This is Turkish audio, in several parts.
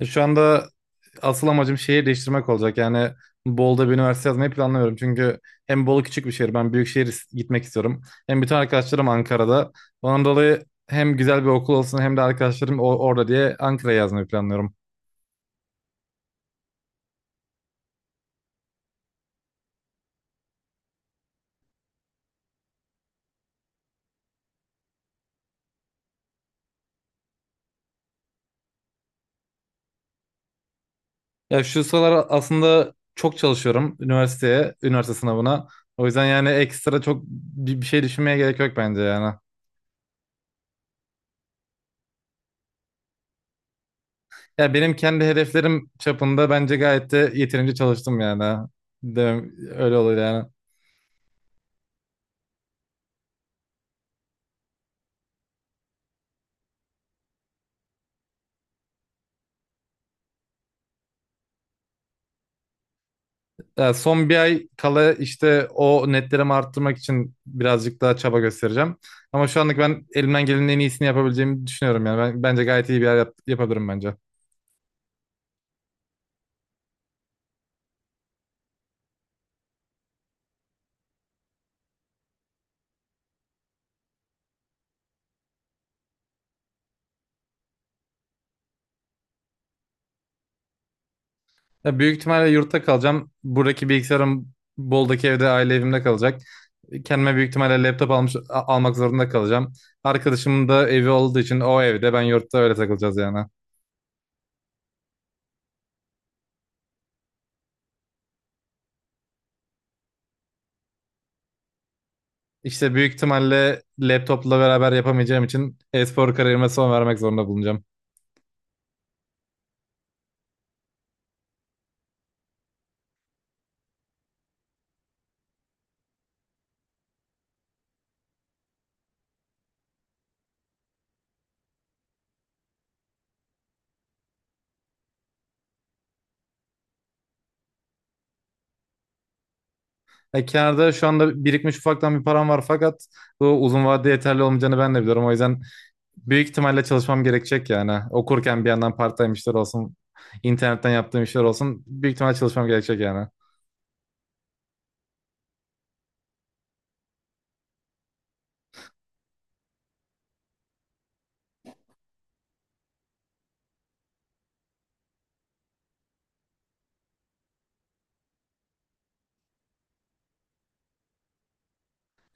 E, şu anda asıl amacım şehir değiştirmek olacak. Yani Bolu'da bir üniversite yazmayı planlamıyorum. Çünkü hem Bolu küçük bir şehir, ben büyük şehir gitmek istiyorum. Hem bütün arkadaşlarım Ankara'da. Ondan dolayı hem güzel bir okul olsun hem de arkadaşlarım orada diye Ankara'ya yazmayı planlıyorum. Ya şu sıralar aslında çok çalışıyorum üniversiteye, üniversite sınavına. O yüzden yani ekstra çok bir şey düşünmeye gerek yok bence yani. Ya benim kendi hedeflerim çapında bence gayet de yeterince çalıştım yani. Demem, öyle olur yani. Ya son bir ay kala işte o netlerimi arttırmak için birazcık daha çaba göstereceğim. Ama şu anlık ben elimden gelenin en iyisini yapabileceğimi düşünüyorum yani. Ben, bence gayet iyi bir yer yapabilirim bence. Ya büyük ihtimalle yurtta kalacağım. Buradaki bilgisayarım Bol'daki evde aile evimde kalacak. Kendime büyük ihtimalle laptop almak zorunda kalacağım. Arkadaşımın da evi olduğu için o evde ben yurtta öyle takılacağız yani. İşte büyük ihtimalle laptopla beraber yapamayacağım için e-spor kariyerime son vermek zorunda bulunacağım. E, kenarda şu anda birikmiş ufaktan bir param var fakat bu uzun vadede yeterli olmayacağını ben de biliyorum. O yüzden büyük ihtimalle çalışmam gerekecek yani. Okurken bir yandan part-time işler olsun, internetten yaptığım işler olsun büyük ihtimalle çalışmam gerekecek yani.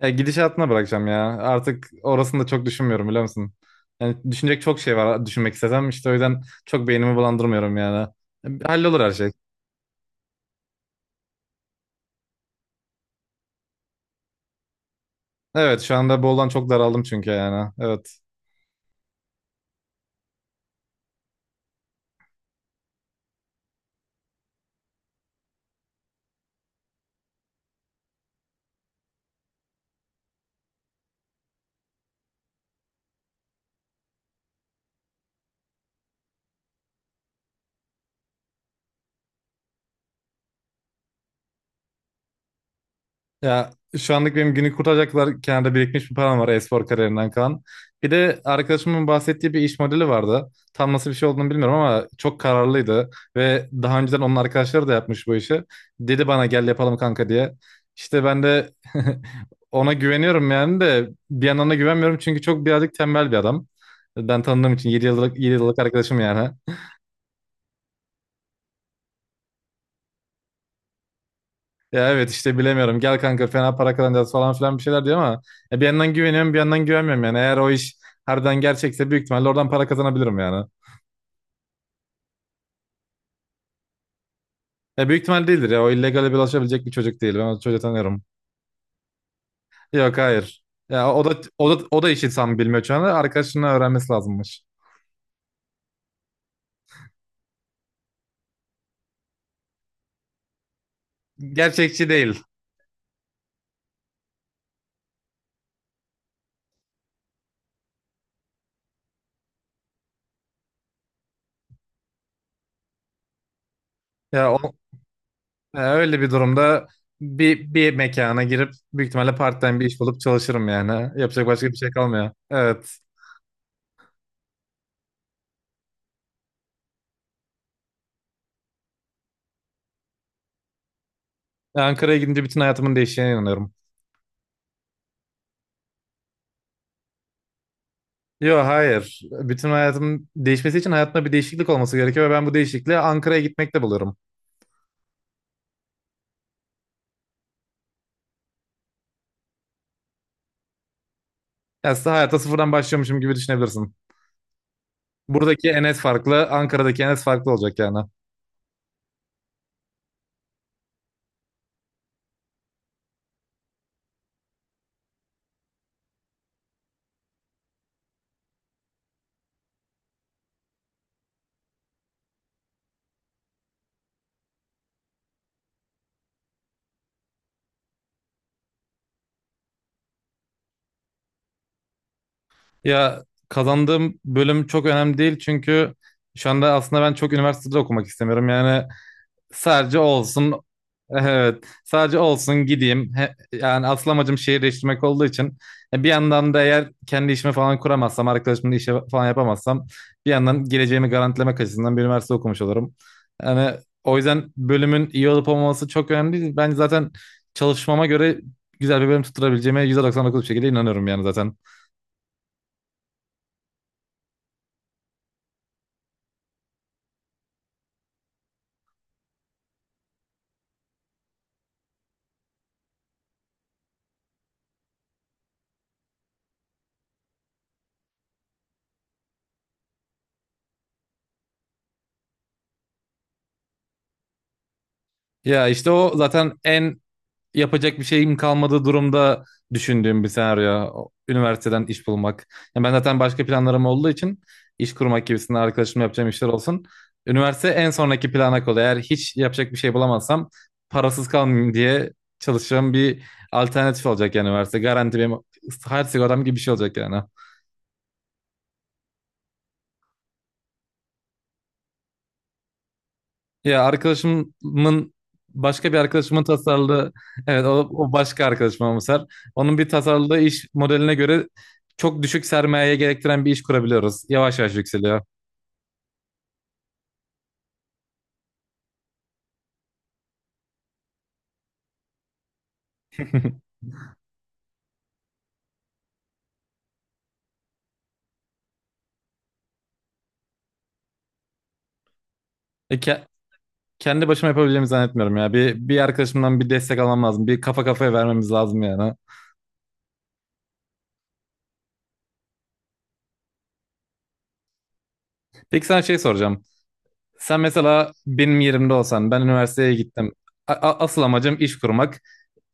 E, gidişatına bırakacağım ya. Artık orasını da çok düşünmüyorum biliyor musun? Yani düşünecek çok şey var düşünmek istesem işte o yüzden çok beynimi bulandırmıyorum yani. E, hallolur her şey. Evet şu anda boldan çok daraldım çünkü yani. Evet. Ya şu anlık benim günü kurtaracaklar kenarda birikmiş bir param var e-spor kariyerinden kalan. Bir de arkadaşımın bahsettiği bir iş modeli vardı. Tam nasıl bir şey olduğunu bilmiyorum ama çok kararlıydı. Ve daha önceden onun arkadaşları da yapmış bu işi. Dedi bana gel yapalım kanka diye. İşte ben de ona güveniyorum yani de bir yandan da güvenmiyorum çünkü çok birazcık tembel bir adam. Ben tanıdığım için 7 yıllık, 7 yıllık arkadaşım yani. Ya evet işte bilemiyorum. Gel kanka fena para kazanacağız falan filan bir şeyler diyor ama ya bir yandan güveniyorum bir yandan güvenmiyorum yani. Eğer o iş harbiden gerçekse büyük ihtimalle oradan para kazanabilirim yani. Ya büyük ihtimal değildir ya. O illegale bulaşabilecek bir çocuk değil. Ben o çocuğu tanıyorum. Yok hayır. Ya o da işi tam bilmiyor şu anda. Arkadaşının öğrenmesi lazımmış. Gerçekçi değil. Ya o Ya öyle bir durumda bir mekana girip büyük ihtimalle part-time bir iş bulup çalışırım yani. Yapacak başka bir şey kalmıyor. Evet. Ankara'ya gidince bütün hayatımın değişeceğine inanıyorum. Yok hayır. Bütün hayatım değişmesi için hayatımda bir değişiklik olması gerekiyor ve ben bu değişikliği Ankara'ya gitmekte buluyorum. Yani aslında hayata sıfırdan başlıyormuşum gibi düşünebilirsin. Buradaki Enes farklı, Ankara'daki Enes farklı olacak yani. Ya kazandığım bölüm çok önemli değil çünkü şu anda aslında ben çok üniversitede okumak istemiyorum. Yani sadece olsun. Evet. Sadece olsun gideyim. Yani asıl amacım şehirleştirmek olduğu için e, bir yandan da eğer kendi işimi falan kuramazsam, arkadaşımla işe falan yapamazsam bir yandan geleceğimi garantilemek açısından bir üniversite okumuş olurum. Yani o yüzden bölümün iyi olup olmaması çok önemli değil. Ben zaten çalışmama göre güzel bir bölüm tutturabileceğime %99 bir şekilde inanıyorum yani zaten. Ya işte o zaten en yapacak bir şeyim kalmadığı durumda düşündüğüm bir senaryo. Üniversiteden iş bulmak. Yani ben zaten başka planlarım olduğu için iş kurmak gibisinden arkadaşımla yapacağım işler olsun. Üniversite en sonraki plana kalıyor. Eğer hiç yapacak bir şey bulamazsam parasız kalmayayım diye çalışacağım bir alternatif olacak yani üniversite. Garanti benim hayat sigortam gibi bir şey olacak yani. Ya arkadaşımın başka bir arkadaşımın tasarladığı evet o, o başka arkadaşım ama Ser. Onun bir tasarladığı iş modeline göre çok düşük sermayeye gerektiren bir iş kurabiliyoruz. Yavaş yavaş yükseliyor. E, kendi başıma yapabileceğimi zannetmiyorum ya. Bir arkadaşımdan bir destek almam lazım. Bir kafa kafaya vermemiz lazım yani. Peki sana şey soracağım. Sen mesela benim yerimde olsan ben üniversiteye gittim. Asıl amacım iş kurmak.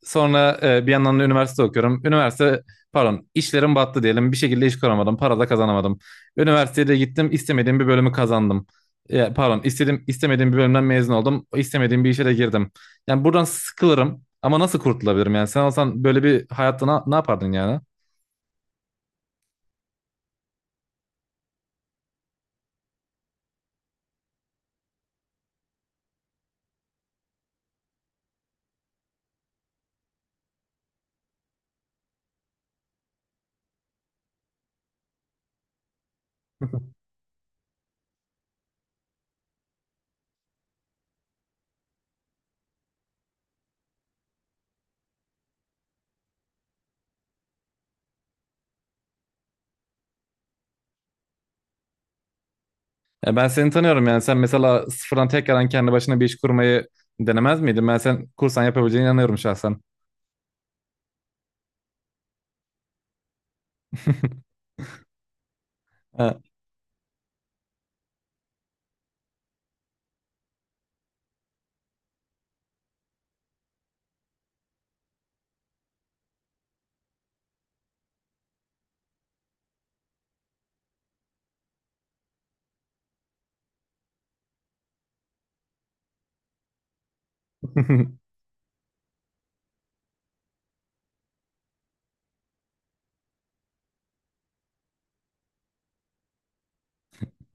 Sonra e, bir yandan da üniversite okuyorum. Pardon, işlerim battı diyelim. Bir şekilde iş kuramadım. Para da kazanamadım. Üniversitede gittim istemediğim bir bölümü kazandım. Ya, pardon istemediğim bir bölümden mezun oldum. İstemediğim bir işe de girdim. Yani buradan sıkılırım ama nasıl kurtulabilirim yani? Sen olsan böyle bir hayatta ne yapardın yani? Ya ben seni tanıyorum yani sen mesela sıfırdan tekrardan kendi başına bir iş kurmayı denemez miydin? Ben sen kursan yapabileceğine inanıyorum şahsen. Ha.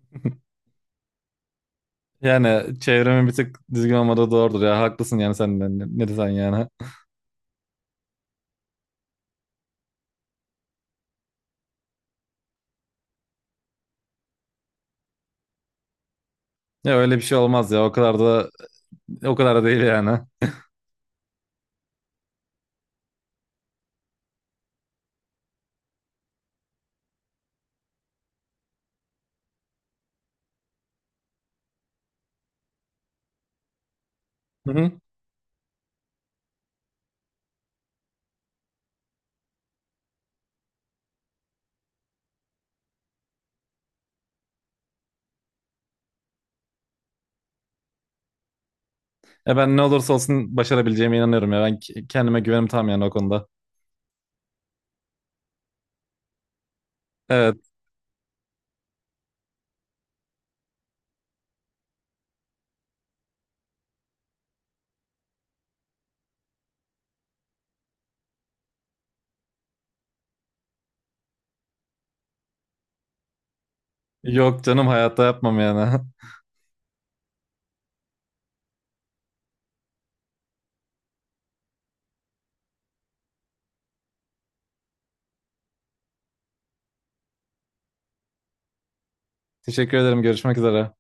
Yani çevremin bir tık düzgün olmadığı doğrudur ya. Haklısın yani sen de. Ne desen yani. Ya öyle bir şey olmaz ya. O kadar da o kadar da değil yani. Hı hı. Ya ben ne olursa olsun başarabileceğime inanıyorum ya. Ben kendime güvenim tam yani o konuda. Evet. Yok canım hayatta yapmam yani. Teşekkür ederim. Görüşmek üzere.